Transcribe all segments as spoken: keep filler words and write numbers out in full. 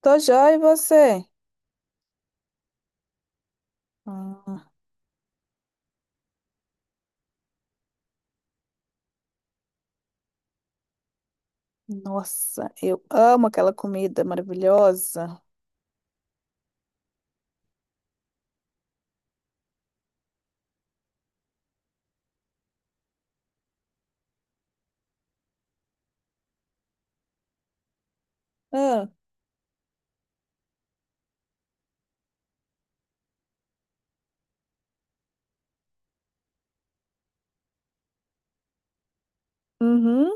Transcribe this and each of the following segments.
Tô joia, e você? Ah, nossa, eu amo aquela comida maravilhosa. Ah, uhum.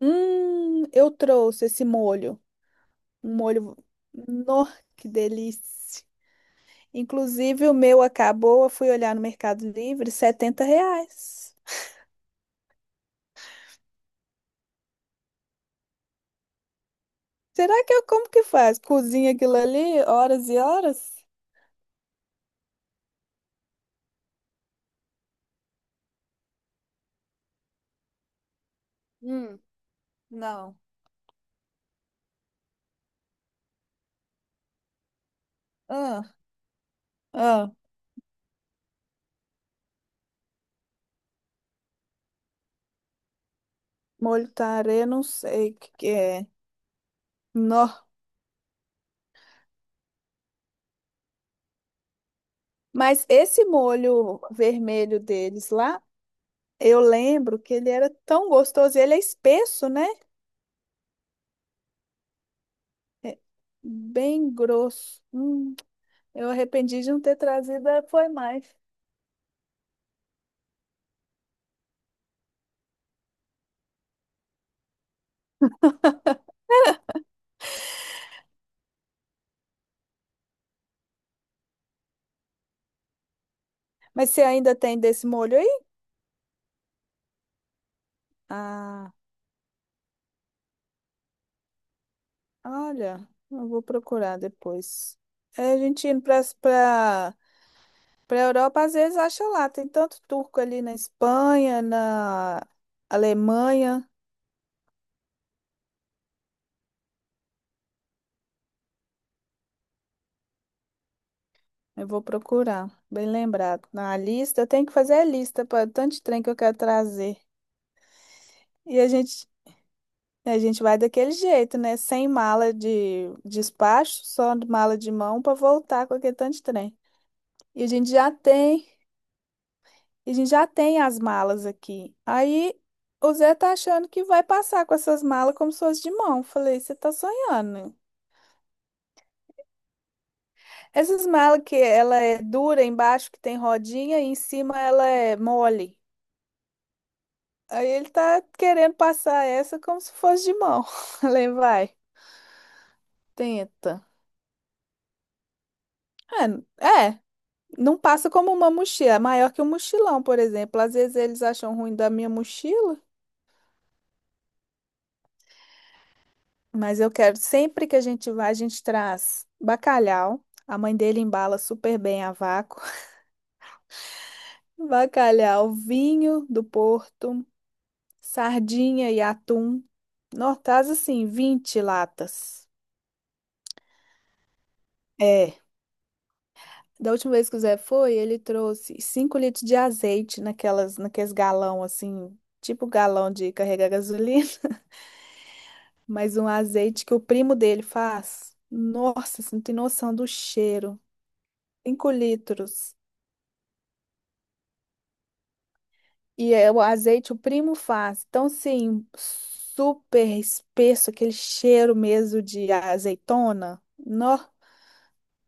Hum, eu trouxe esse molho. Um molho. Nó, que delícia. Inclusive, o meu acabou. Eu fui olhar no Mercado Livre, setenta reais. Será que eu como que faz? Cozinha aquilo ali horas e horas? Hum, não. Ah, ah, molho tarê, não sei o que que é. Nó. Mas esse molho vermelho deles lá, eu lembro que ele era tão gostoso. e Ele é espesso, né? É bem grosso. Hum, eu arrependi de não ter trazido, eh, foi mais. Mas você ainda tem desse molho aí? Ah, olha, eu vou procurar depois. É, a gente indo para para para Europa, às vezes acha lá. Tem tanto turco ali na Espanha, na Alemanha. Eu vou procurar, bem lembrado. Na lista, eu tenho que fazer a lista para tanto de trem que eu quero trazer. E a gente, a gente vai daquele jeito, né? Sem mala de despacho, só de mala de mão para voltar com aquele tanto de trem. E a gente já tem, e a gente já tem as malas aqui. Aí o Zé tá achando que vai passar com essas malas como se fosse de mão. Falei, você tá sonhando. Essas malas que ela é dura embaixo, que tem rodinha, e em cima ela é mole. Aí ele tá querendo passar essa como se fosse de mão. Falei, vai, tenta. É, é, não passa como uma mochila, é maior que um mochilão, por exemplo. Às vezes eles acham ruim da minha mochila, mas eu quero, sempre que a gente vai, a gente traz bacalhau. A mãe dele embala super bem a vácuo. Bacalhau, vinho do Porto, sardinha e atum. Nós traz assim vinte latas. É. Da última vez que o Zé foi, ele trouxe cinco litros de azeite naquelas, naqueles galão assim, tipo galão de carregar gasolina, mas um azeite que o primo dele faz. Nossa, você não tem noção do cheiro. Cinco litros. E é o azeite o primo faz. Então, sim, super espesso, aquele cheiro mesmo de azeitona. Nó,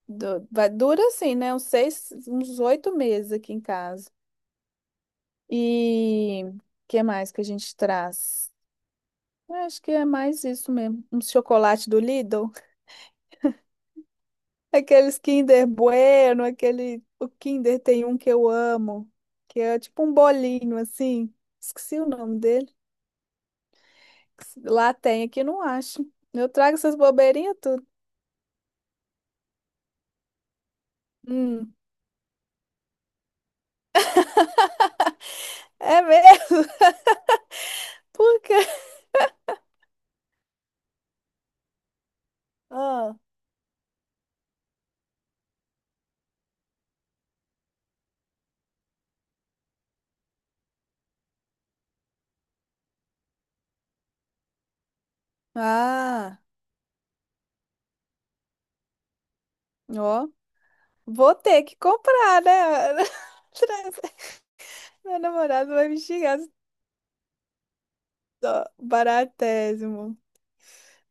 du- vai- dura assim, né? Uns seis, uns oito meses aqui em casa. E o que mais que a gente traz? Eu acho que é mais isso mesmo. Um chocolate do Lidl. Aqueles Kinder Bueno, aquele. O Kinder tem um que eu amo, que é tipo um bolinho assim. Esqueci o nome dele. Lá tem, aqui não acho. Eu trago essas bobeirinhas tudo. Hum. É mesmo? Por quê? Ah, ah, ó. Vou ter que comprar, né? Trazer. Meu namorado vai me xingar. Ó, baratésimo.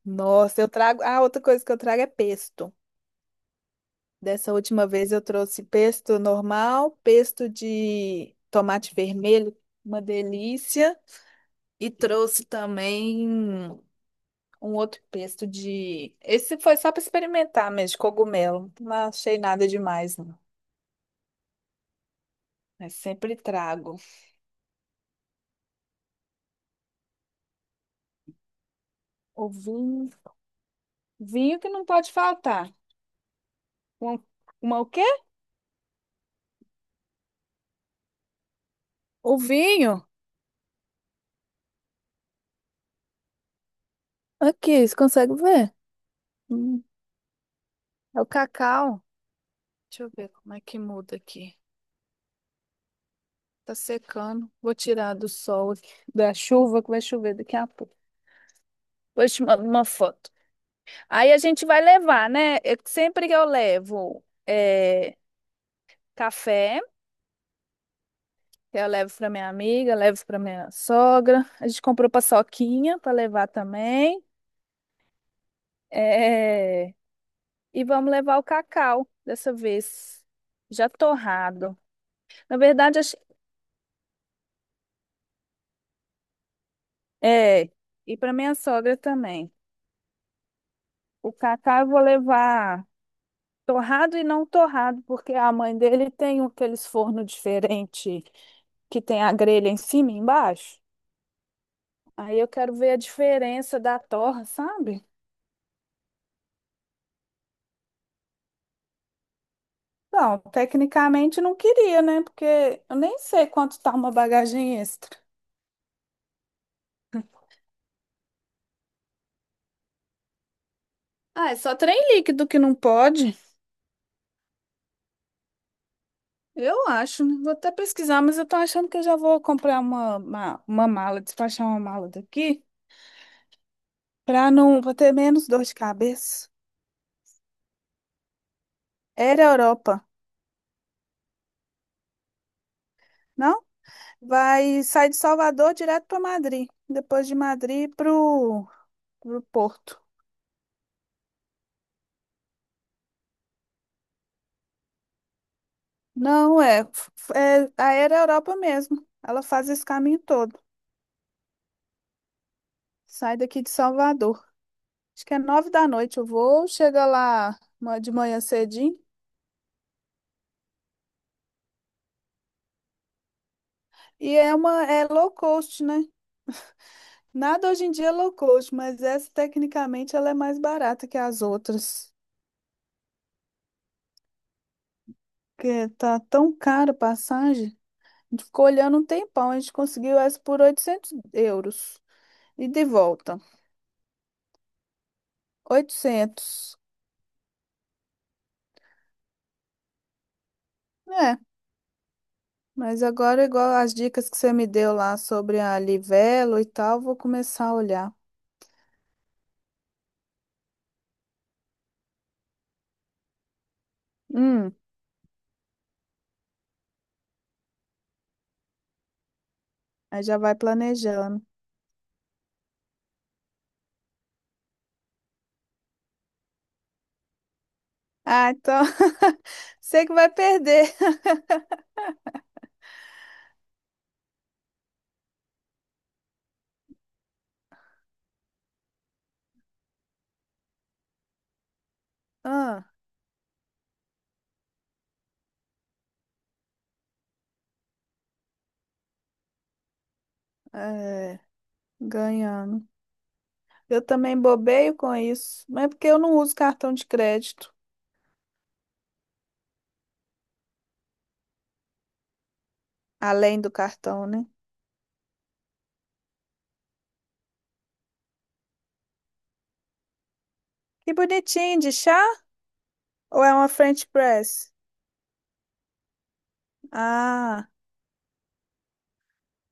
Nossa, eu trago. Ah, outra coisa que eu trago é pesto. Dessa última vez eu trouxe pesto normal, pesto de tomate vermelho, uma delícia, e trouxe também um outro pesto de. Esse foi só para experimentar mesmo, de cogumelo. Não achei nada demais, não. Mas sempre trago. O vinho. Vinho que não pode faltar. Uma, uma o quê? O vinho. Aqui, você consegue ver? Hum, É o cacau. Deixa eu ver como é que muda aqui. Tá secando. Vou tirar do sol, aqui, da chuva, que vai chover daqui a pouco. Vou te mandar uma foto. Aí a gente vai levar, né? Eu- sempre que eu levo é, café, que eu levo para minha amiga, levo para minha sogra. A gente comprou paçoquinha para levar também. É, e vamos levar o cacau dessa vez, já torrado. Na verdade, ach- é, e para minha sogra também. O cacau eu vou levar. Torrado e não torrado, porque a mãe dele tem um- aqueles forno diferente que tem a grelha em cima e embaixo. Aí eu quero ver a diferença da torra, sabe? Não, tecnicamente não queria, né? Porque eu nem sei quanto tá uma bagagem extra. Ah, é só trem líquido que não pode. Eu acho, né? Vou até pesquisar, mas eu tô achando que eu já vou comprar uma, uma, uma mala, despachar uma mala daqui, pra não, pra ter menos dor de cabeça. Era Europa. Não, vai sair de Salvador direto para Madrid. Depois de Madrid para o Porto. Não, é, f- é a Aero Europa mesmo. Ela faz esse caminho todo. Sai daqui de Salvador. Acho que é nove da noite o voo. Chega lá ma- de manhã cedinho. E é uma é low cost, né? Nada hoje em dia é low cost, mas essa tecnicamente ela é mais barata que as outras. Porque tá tão cara a passagem. A gente ficou olhando um tempão. A gente conseguiu essa por oitocentos euros. E de volta. Oitocentos. É, mas agora, igual as dicas que você me deu lá sobre a Livelo e tal, vou começar a olhar. Hum, aí já vai planejando. Ah, então. Sei que vai perder. Ah, é, ganhando. Eu também bobeio com isso, mas é porque eu não uso cartão de crédito, além do cartão, né? Que bonitinho, de chá? Ou é uma French press? Ah,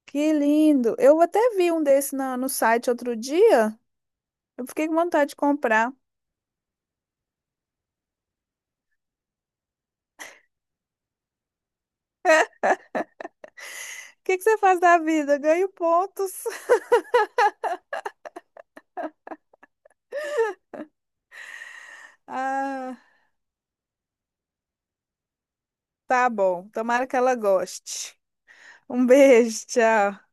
que lindo. Eu até vi um desse na- no site outro dia. Eu fiquei com vontade de comprar. O que que você faz da vida? Ganho pontos. Ah, tá bom. Tomara que ela goste. Um beijo, tchau.